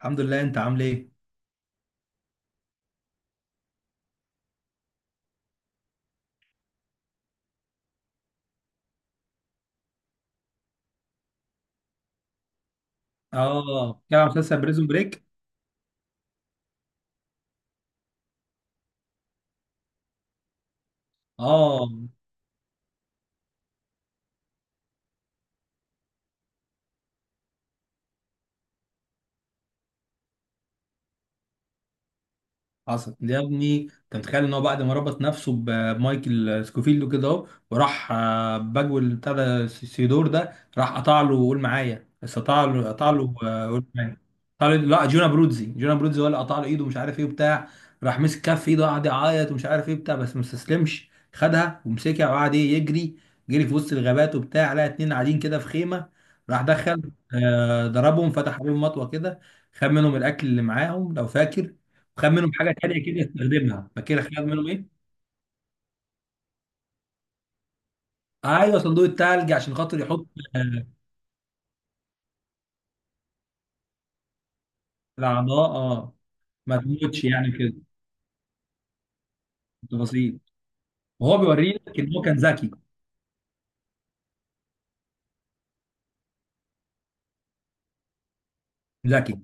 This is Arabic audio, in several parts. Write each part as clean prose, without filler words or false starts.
الحمد لله. انت عامل ايه؟ اه بتتكلم عن مسلسل بريزون بريك؟ اه حصل ده يا ابني. انت متخيل ان هو بعد ما ربط نفسه بمايكل سكوفيلد كده اهو، وراح باجول بتاع ده سيدور ده، راح قطع له، قول معايا، بس قطع له قطع له آه، قول معايا قطع له. لا، جونا برودزي هو اللي قطع له ايده ومش عارف ايه وبتاع. راح مسك كف ايده وقعد يعيط ومش عارف ايه بتاع، بس ما استسلمش، خدها ومسكها وقعد ايه يجري، جري في وسط الغابات وبتاع. لقى اتنين قاعدين كده في خيمه، راح دخل ضربهم، فتح عليهم مطوه كده، خد منهم الاكل اللي معاهم لو فاكر. خد منهم حاجه تانيه كده يستخدمها، فاكر خد منهم ايه؟ ايوه، صندوق التلج عشان خاطر يحط آه، الاعضاء. اه، ما تموتش يعني كده، بسيط. وهو بيوريك ان هو كان ذكي. ذكي،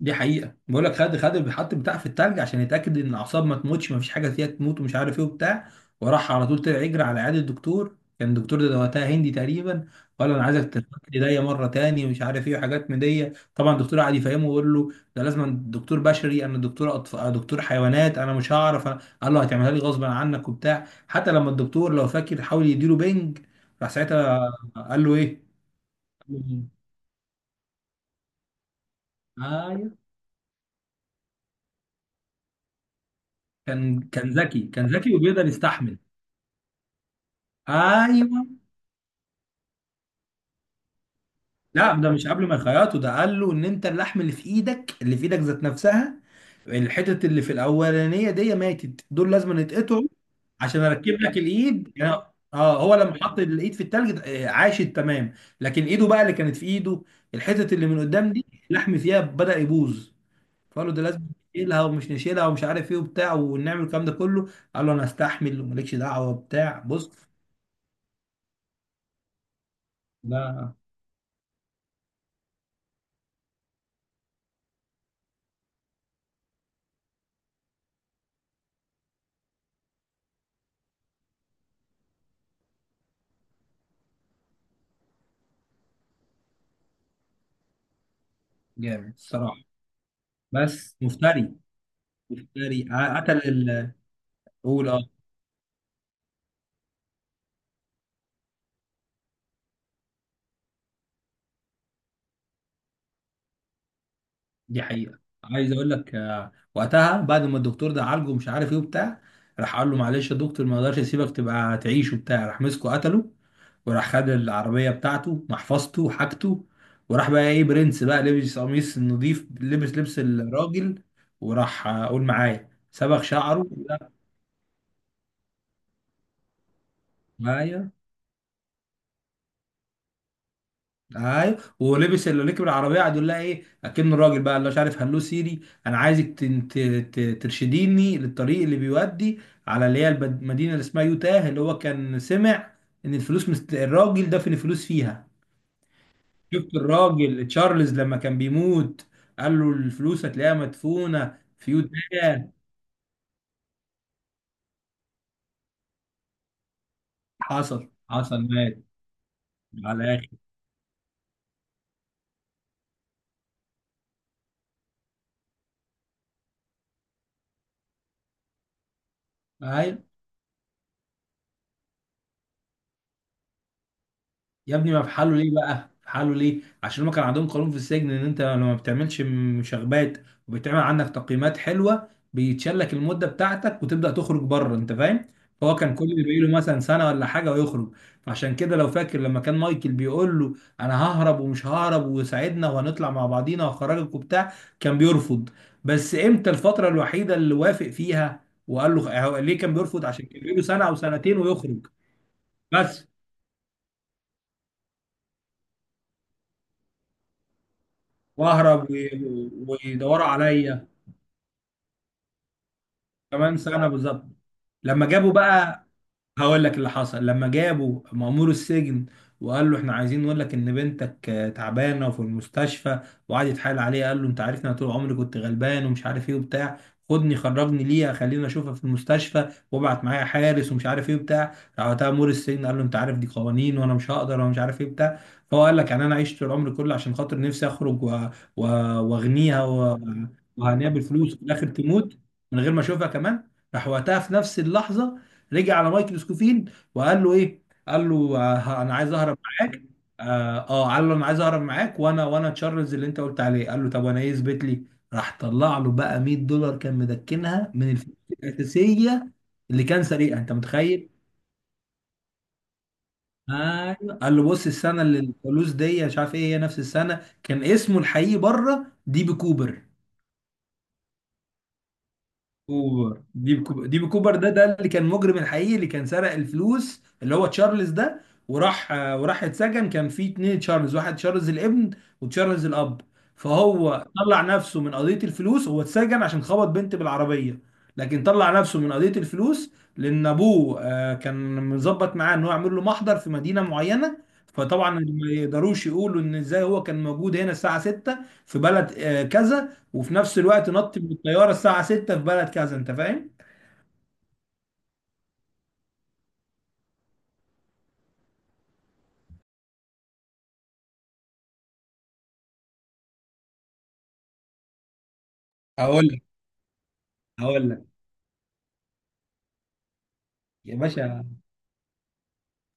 دي حقيقة. بقول لك، خد الحط بتاع في التلج عشان يتأكد ان الاعصاب ما تموتش، ما فيش حاجة فيها تموت ومش عارف ايه وبتاع. وراح على طول طلع يجري على عيادة الدكتور. كان الدكتور ده وقتها هندي تقريبا، ولا انا عايزك تفك ايديا مرة تاني ومش عارف ايه وحاجات من دي. طبعا الدكتور قعد يفهمه ويقول له ده لازم دكتور بشري، انا دكتور دكتور حيوانات، انا مش هعرف أنا... قال له هتعملها لي غصبا عنك وبتاع. حتى لما الدكتور لو فاكر حاول يديله بنج، راح ساعتها قال له ايه؟ قال له إيه؟ ايوه، كان ذكي وبيقدر يستحمل. ايوه. لا، ده مش قبل ما يخيطوا، ده قال له ان انت اللحم اللي في ايدك، اللي في ايدك ذات نفسها، الحتت اللي في الاولانيه دي ماتت، دول لازم يتقطعوا عشان اركب لك الايد يعني. اه هو لما حط الايد في التلج عاشت تمام، لكن ايده بقى اللي كانت في ايده، الحتت اللي من قدام دي، اللحم فيها بدأ يبوظ. فقالوا ده لازم نشيلها ومش عارف ايه وبتاع ونعمل الكلام ده كله. قال له انا استحمل ومالكش دعوه وبتاع، بص. لا جامد الصراحه، بس مفتري. الفري قتل قول اه. دي حقيقة. عايز اقول لك وقتها بعد ما الدكتور ده عالجه مش عارف ايه وبتاع، راح قال له معلش يا دكتور، ما اقدرش اسيبك تبقى تعيش وبتاع، راح مسكه قتله. وراح خد العربية بتاعته، محفظته، وحاجته. وراح بقى ايه، برنس بقى، لبس قميص نظيف، لبس لبس الراجل، وراح قول معايا صبغ شعره. لا، معايا. ايوه، ولبس اللي ركب العربيه، قعد يقول لها ايه اكنه الراجل بقى اللي مش عارف هلو سيري، انا عايزك ترشديني للطريق اللي بيودي على اللي هي المدينه اللي اسمها يوتاه. اللي هو كان سمع ان الفلوس الراجل دفن الفلوس فيها. شفت الراجل تشارلز لما كان بيموت قال له الفلوس هتلاقيها مدفونه في يوتاه. حصل مات على الاخر. ايوه يا ابني، ما في حاله ليه بقى، في حاله ليه؟ عشان هما كان عندهم قانون في السجن ان انت لما ما بتعملش مشاغبات وبتعمل عندك تقييمات حلوه بيتشال لك المده بتاعتك وتبدا تخرج بره، انت فاهم. فهو كان كل اللي بيقول له مثلا سنه ولا حاجه ويخرج. فعشان كده لو فاكر لما كان مايكل بيقول له انا ههرب ومش ههرب وساعدنا وهنطلع مع بعضينا وهخرجك وبتاع، كان بيرفض. بس امتى الفتره الوحيده اللي وافق فيها؟ وقال له هو ليه كان بيرفض؟ عشان كان بيقول له سنه او سنتين ويخرج بس. واهرب ويدوروا عليا، كمان سنه بالظبط. لما جابوا بقى، هقول لك اللي حصل، لما جابوا مأمور السجن وقال له احنا عايزين نقول لك ان بنتك تعبانه وفي المستشفى. وقعد يتحايل عليه قال له انت عارفني، انا طول عمري كنت غلبان ومش عارف ايه وبتاع، خدني خرجني ليها خليني اشوفها في المستشفى وابعت معايا حارس ومش عارف ايه وبتاع. راح وقتها مأمور السجن قال له انت عارف دي قوانين، وانا مش هقدر وانا مش عارف ايه بتاع. فهو قال لك يعني انا عشت طول عمري كله عشان خاطر نفسي اخرج و- واغنيها وهنيها بالفلوس، وفي الاخر تموت من غير ما اشوفها كمان. راح وقتها في نفس اللحظه رجع على مايكل سكوفيلد وقال له ايه؟ قال له انا عايز اهرب معاك. قال له انا عايز اهرب معاك، وانا تشارلز اللي انت قلت عليه. قال له طب وانا ايه، اثبت لي. راح طلع له بقى $100 كان مدكنها من الفلوس الاساسيه اللي كان سريقها، انت متخيل؟ ايوه، قال له بص السنه اللي الفلوس دي مش عارف ايه هي نفس السنه. كان اسمه الحقيقي بره دي بي كوبر. ديب كوبر ده اللي كان مجرم الحقيقي اللي كان سرق الفلوس، اللي هو تشارلز ده. وراح وراح اتسجن. كان في اتنين تشارلز، واحد تشارلز الابن وتشارلز الاب. فهو طلع نفسه من قضية الفلوس، هو اتسجن عشان خبط بنت بالعربية، لكن طلع نفسه من قضية الفلوس لأن أبوه كان مظبط معاه إن هو يعمل له محضر في مدينة معينة. فطبعا ما يقدروش يقولوا إن إزاي هو كان موجود هنا الساعة 6 في بلد كذا، وفي نفس الوقت نط من الطياره الساعه 6 في بلد كذا، انت فاهم؟ هقول لك هقول لك يا باشا،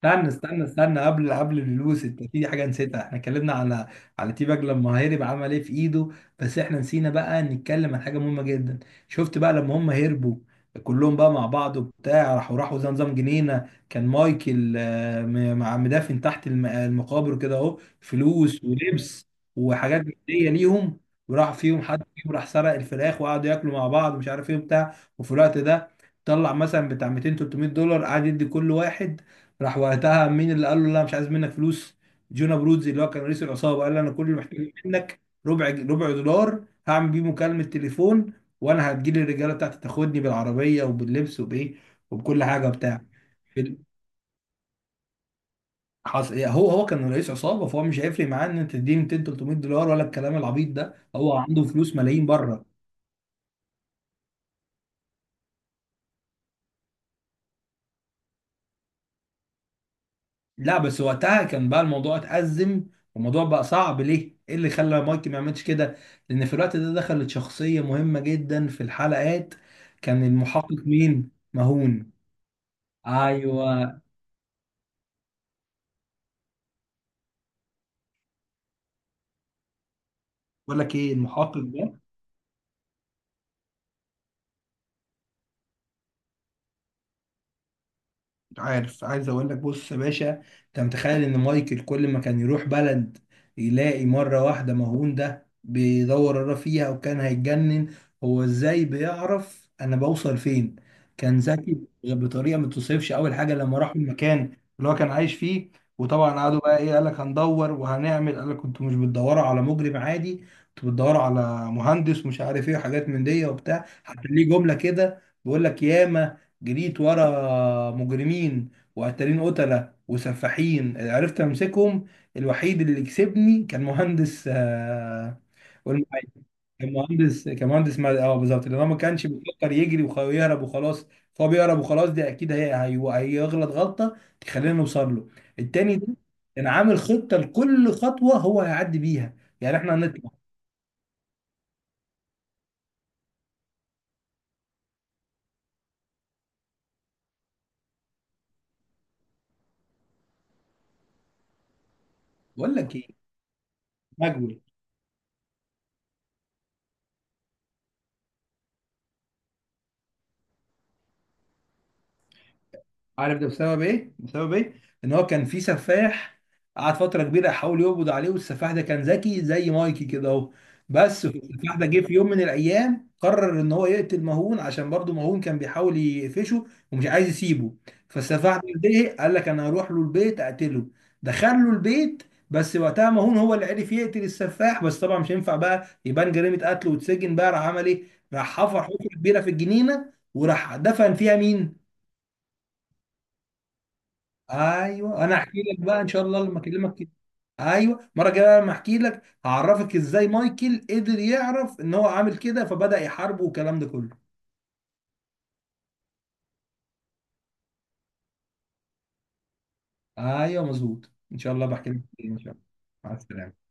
استنى. قبل الفلوس، انت في حاجه نسيتها. احنا اتكلمنا على تي باج لما هرب عمل ايه في ايده، بس احنا نسينا بقى نتكلم عن حاجه مهمه جدا. شفت بقى لما هم هربوا كلهم بقى مع بعض وبتاع، راحوا زي نظام جنينه. كان مايكل مع مدافن تحت المقابر كده اهو، فلوس ولبس وحاجات جديه ليهم. وراح فيهم حد فيهم راح سرق الفراخ وقعدوا ياكلوا مع بعض مش عارف ايه وبتاع. وفي الوقت ده طلع مثلا بتاع 200 $300، قعد يدي كل واحد. راح وقتها مين اللي قال له لا مش عايز منك فلوس؟ جونا برودزي اللي هو كان رئيس العصابه، قال له انا كل اللي محتاجه منك ربع دولار هعمل بيه مكالمه تليفون، وانا هتجيلي الرجاله بتاعتي تاخدني بالعربيه وباللبس وبايه وبكل حاجه بتاع. في هو كان رئيس عصابه، فهو مش هيفرق معاه ان انت تديني 200 $300 ولا الكلام العبيط ده، هو عنده فلوس ملايين بره. لا بس وقتها كان بقى الموضوع اتأزم، والموضوع بقى صعب. ليه؟ ايه اللي خلى مايك ما يعملش كده؟ لأن في الوقت ده دخلت شخصية مهمة جدا في الحلقات. كان المحقق مين؟ مهون. ايوه، بقول لك ايه، المحقق ده، عارف، عايز اقول لك بص يا باشا، انت متخيل ان مايكل كل ما كان يروح بلد يلاقي مرة واحدة مهون ده بيدور وراه فيها، وكان هيتجنن، هو ازاي بيعرف انا بوصل فين؟ كان ذكي بطريقة ما توصفش. اول حاجة لما راح المكان اللي هو كان عايش فيه، وطبعا قعدوا بقى ايه، قال لك هندور وهنعمل، قال لك كنتوا مش بتدوروا على مجرم عادي، كنتوا بتدوروا على مهندس مش عارف ايه وحاجات من دي وبتاع. حتى ليه جملة كده بيقول لك ياما جريت ورا مجرمين وقتالين قتلة وسفاحين عرفت امسكهم، الوحيد اللي كسبني كان مهندس والمعيد. كان مهندس بالظبط، لان هو ما كانش بيفكر يجري ويهرب وخلاص، فهو بيهرب وخلاص دي اكيد هيغلط غلطة تخلينا نوصل له. التاني ده كان عامل خطة لكل خطوة هو هيعدي بيها، يعني احنا هنطلع. بقول لك ايه، مجهول. عارف ده بسبب ايه؟ بسبب ايه؟ ان هو كان في سفاح، قعد فتره كبيره يحاول يقبض عليه، والسفاح ده كان ذكي زي مايكي كده اهو. بس السفاح ده جه في يوم من الايام قرر ان هو يقتل مهون، عشان برضه مهون كان بيحاول يقفشه ومش عايز يسيبه. فالسفاح ده زهق، قال لك انا هروح له البيت اقتله، دخل له البيت. بس وقتها مهون هو اللي عرف يقتل السفاح، بس طبعا مش هينفع بقى يبان جريمه قتل وتسجن بقى. راح عمل ايه؟ راح حفر حفره كبيره في الجنينه وراح دفن فيها مين؟ ايوه، انا احكي لك بقى ان شاء الله لما اكلمك كده. ايوه المره الجايه بقى لما احكي لك هعرفك ازاي مايكل قدر يعرف ان هو عامل كده، فبدأ يحاربه والكلام ده كله. ايوه مظبوط، ان شاء الله بحكي لك كتير ان شاء الله. مع السلامه.